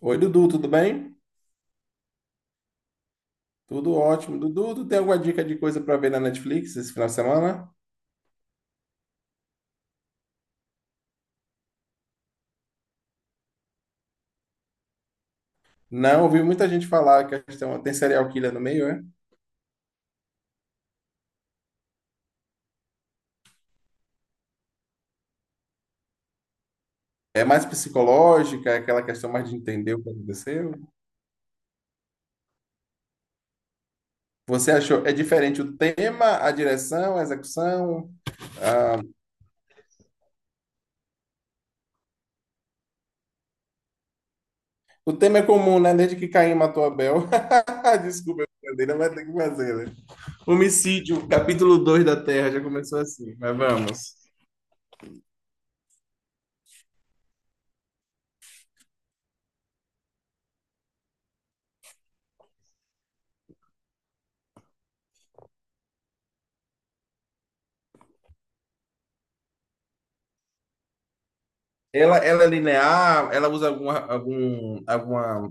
Oi, Dudu, tudo bem? Tudo ótimo. Dudu, tu tem alguma dica de coisa para ver na Netflix esse final de semana? Não, ouvi muita gente falar que a questão tem serial killer no meio, é? É mais psicológica, é aquela questão mais de entender o que aconteceu. Você achou? É diferente o tema, a direção, a execução? Ah, o tema é comum, né? Desde que Caim matou Abel. Desculpa, brincadeira, vai ter que fazer, né? Homicídio, capítulo 2 da Terra, já começou assim, mas vamos. Ela é linear? Ela usa alguma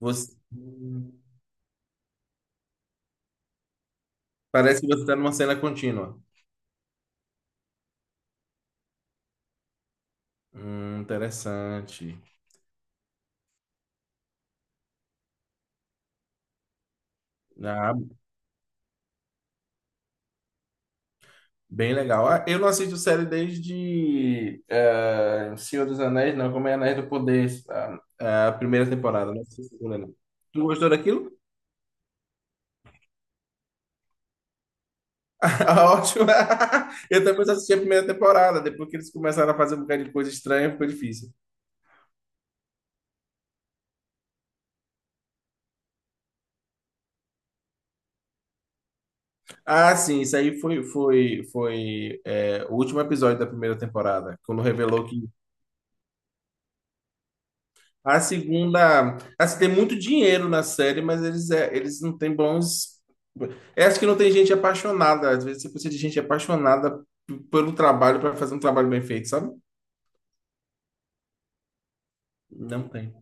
Você... Parece que você está numa cena contínua. Interessante. Ah, bem legal. Ah, eu não assisto série desde Senhor dos Anéis, não, como é Anéis do Poder, a primeira temporada, não assisti a segunda, não. Tu gostou daquilo? Ótimo! Eu também só assisti a primeira temporada, depois que eles começaram a fazer um bocado de coisa estranha, ficou difícil. Ah, sim, isso aí foi é, o último episódio da primeira temporada, quando revelou que a segunda, assim, tem muito dinheiro na série, mas eles não têm bons. É acho que não tem gente apaixonada. Às vezes você precisa de gente apaixonada pelo trabalho para fazer um trabalho bem feito, sabe? Não tem.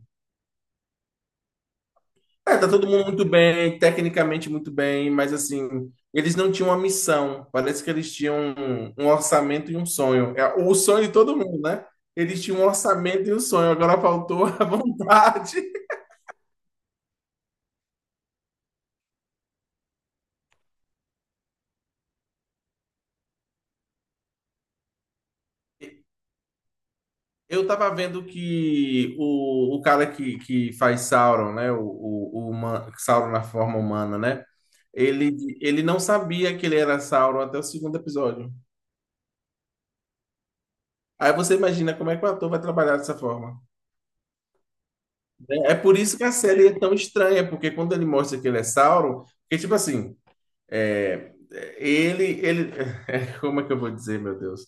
É, tá todo mundo muito bem, tecnicamente muito bem, mas assim, eles não tinham uma missão. Parece que eles tinham um orçamento e um sonho. É o sonho de todo mundo, né? Eles tinham um orçamento e um sonho, agora faltou a vontade. Eu tava vendo que o cara que faz Sauron, né? O Sauron na forma humana, né? Ele, ele não sabia que ele era Sauron até o segundo episódio. Aí você imagina como é que o ator vai trabalhar dessa forma. É por isso que a série é tão estranha, porque quando ele mostra que ele é Sauron, porque tipo assim, é, ele, ele, como é que eu vou dizer, meu Deus?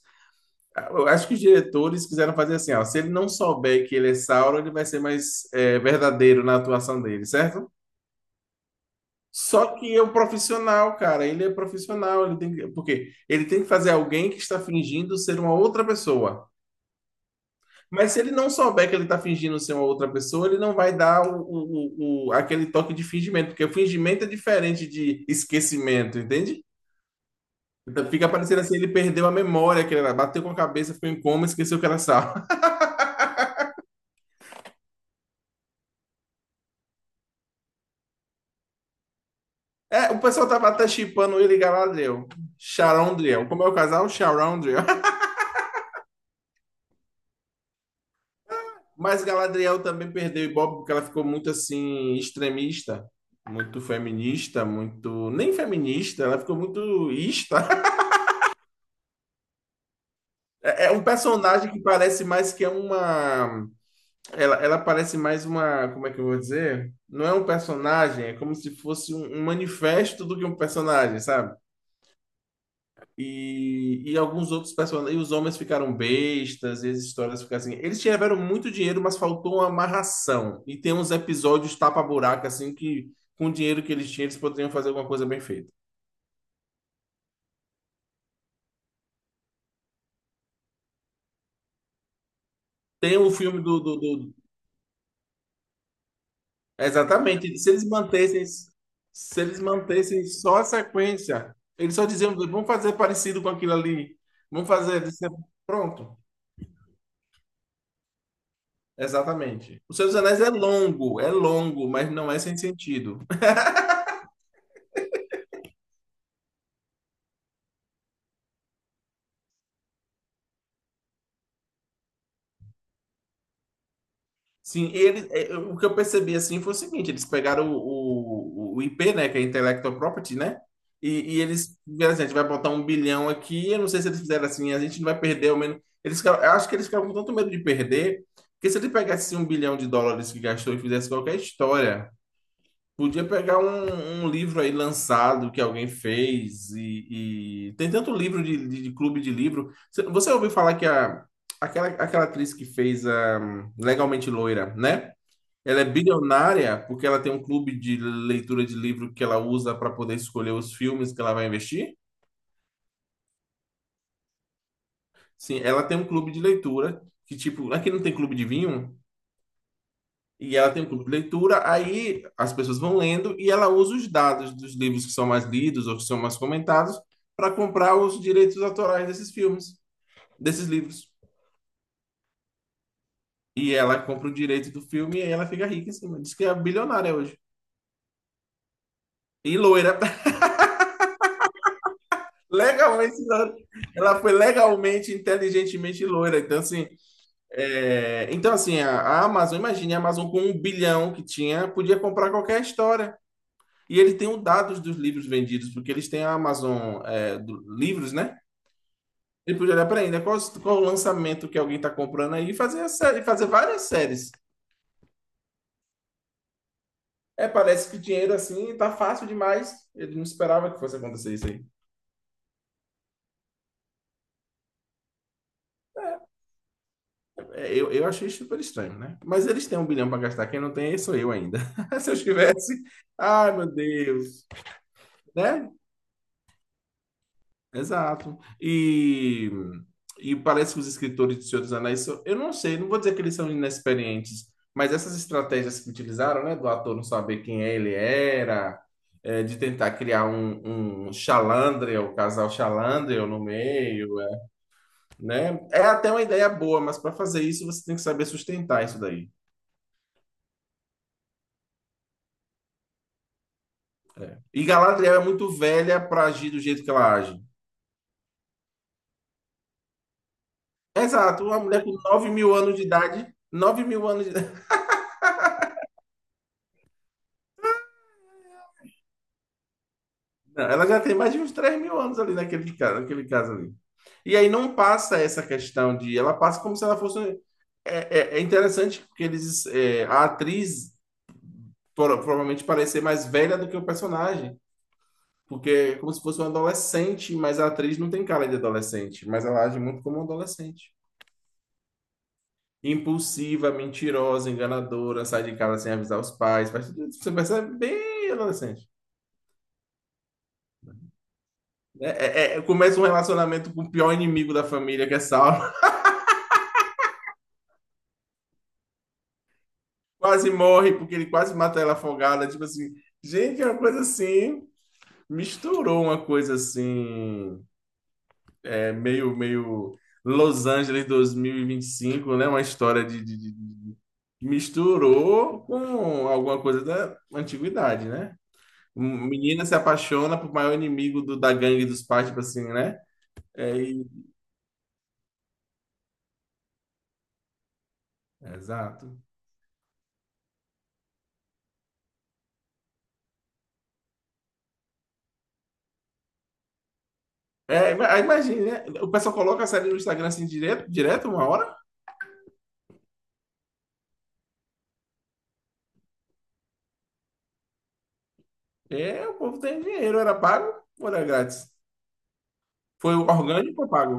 Eu acho que os diretores quiseram fazer assim, ó, se ele não souber que ele é Sauron, ele vai ser mais verdadeiro na atuação dele, certo? Só que é um profissional, cara, ele é profissional, ele tem que, porque ele tem que fazer alguém que está fingindo ser uma outra pessoa. Mas se ele não souber que ele está fingindo ser uma outra pessoa, ele não vai dar aquele toque de fingimento, porque o fingimento é diferente de esquecimento, entende? Então fica parecendo assim, ele perdeu a memória que ele era, bateu com a cabeça, ficou em coma, esqueceu que era Sauron. É, o pessoal tava até chipando ele e Galadriel. Charondriel. Como é o casal? Charondriel. Mas Galadriel também perdeu Ibope porque ela ficou muito assim, extremista. Muito feminista, muito. Nem feminista, ela ficou muito ista. É um personagem que parece mais que é uma. Ela parece mais uma. Como é que eu vou dizer? Não é um personagem, é como se fosse um manifesto do que um personagem, sabe? E alguns outros personagens. E os homens ficaram bestas, e as histórias ficaram assim. Eles tiveram muito dinheiro, mas faltou uma amarração. E tem uns episódios tapa-buraco, assim, que com o dinheiro que eles tinham, eles poderiam fazer alguma coisa bem feita. Tem o filme do. Exatamente. Se eles mantessem só a sequência, eles só diziam, vamos fazer parecido com aquilo ali. Vamos fazer. Pronto. Exatamente. O Senhor dos Anéis é longo, mas não é sem sentido. Sim, e ele, é, o que eu percebi assim foi o seguinte: eles pegaram o IP, né, que é Intellectual Property, né? E eles, fizeram assim, a gente vai botar um bilhão aqui. Eu não sei se eles fizeram assim, a gente não vai perder ao menos. Eu acho que eles ficaram com tanto medo de perder, que se ele pegasse um bilhão de dólares que gastou e fizesse qualquer história, podia pegar um livro aí lançado que alguém fez. E tem tanto livro de, de clube de livro. Você ouviu falar que aquela atriz que fez a Legalmente Loira, né? Ela é bilionária porque ela tem um clube de leitura de livro que ela usa para poder escolher os filmes que ela vai investir? Sim, ela tem um clube de leitura que, tipo, aqui não tem clube de vinho, e ela tem um clube de leitura, aí as pessoas vão lendo e ela usa os dados dos livros que são mais lidos ou que são mais comentados para comprar os direitos autorais desses filmes, desses livros. E ela compra o direito do filme e aí ela fica rica em cima. Diz que é bilionária hoje. E loira. Legalmente, ela foi legalmente, inteligentemente loira. Então, assim, é, então, assim a Amazon, imagine a Amazon com um bilhão que tinha, podia comprar qualquer história. E ele tem os dados dos livros vendidos, porque eles têm a Amazon livros, né? Ele podia olhar para ainda qual o lançamento que alguém está comprando aí e fazer, a série, fazer várias séries. É, parece que dinheiro assim tá fácil demais. Ele não esperava que fosse acontecer isso aí. É, eu achei super estranho, né? Mas eles têm um bilhão para gastar, quem não tem sou eu ainda. Se eu tivesse, ai meu Deus, né? Exato. E parece que os escritores de Senhor dos Anéis, eu não sei, não vou dizer que eles são inexperientes, mas essas estratégias que utilizaram, né, do ator não saber quem ele era, de tentar criar um Chalandriel, o casal Chalandriel no meio, né? É até uma ideia boa, mas para fazer isso você tem que saber sustentar isso daí. E Galadriel é muito velha para agir do jeito que ela age. Exato, uma mulher com 9 mil anos de idade. 9 mil anos de idade. Não, ela já tem mais de uns 3 mil anos ali naquele caso ali. E aí não passa essa questão de. Ela passa como se ela fosse. É, interessante porque a atriz provavelmente parecer mais velha do que o personagem. Porque é como se fosse uma adolescente, mas a atriz não tem cara de adolescente, mas ela age muito como uma adolescente. Impulsiva, mentirosa, enganadora, sai de casa sem avisar os pais, faz tudo isso. Você percebe bem adolescente, né? É, começa um relacionamento com o pior inimigo da família, que é Saulo. Quase morre porque ele quase mata ela afogada. Tipo assim, gente, é uma coisa assim. Misturou uma coisa assim, é meio, meio Los Angeles 2025, né? Uma história misturou com alguma coisa da antiguidade, né? Um menino se apaixona pro maior inimigo da gangue dos pais, tipo assim, né? É, é, exato. É, aí imagine, né? O pessoal coloca a série no Instagram assim direto, direto, uma hora. É, o povo tem dinheiro, era pago ou era grátis? Foi orgânico ou pago?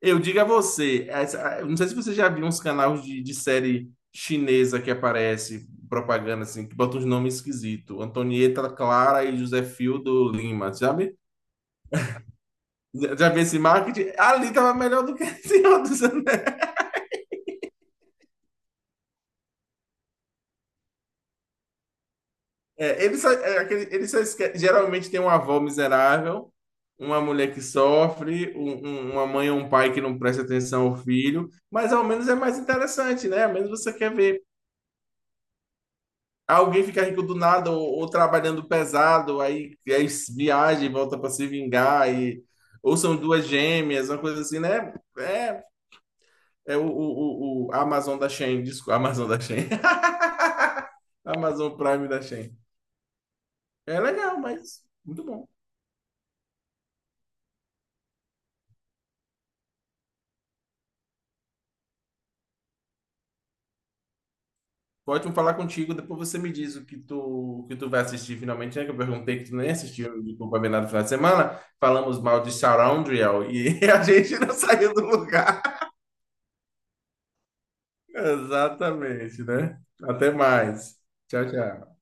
Eu digo a você, eu não sei se você já viu uns canais de série chinesa que aparece, propaganda assim, que bota uns nomes esquisitos. Antonieta Clara e José Fildo Lima, sabe? Já vi esse marketing? Ali tava melhor do que esse outro. É, ele só, geralmente tem uma avó miserável, uma mulher que sofre, uma mãe ou um pai que não presta atenção ao filho, mas ao menos é mais interessante, né? Ao menos você quer ver alguém ficar rico do nada ou, trabalhando pesado, aí viaja e volta para se vingar, e, ou são duas gêmeas, uma coisa assim, né? É, é o Amazon da Shein, desculpa, Amazon da Shein, Amazon Prime da Shein. É legal, mas muito bom. Foi ótimo falar contigo. Depois você me diz o que tu vai assistir finalmente, né? Que eu perguntei que tu nem assistiu de Culpa Venada no final de semana. Falamos mal de Surroundrial e a gente não saiu do lugar. Exatamente, né? Até mais. Tchau, tchau.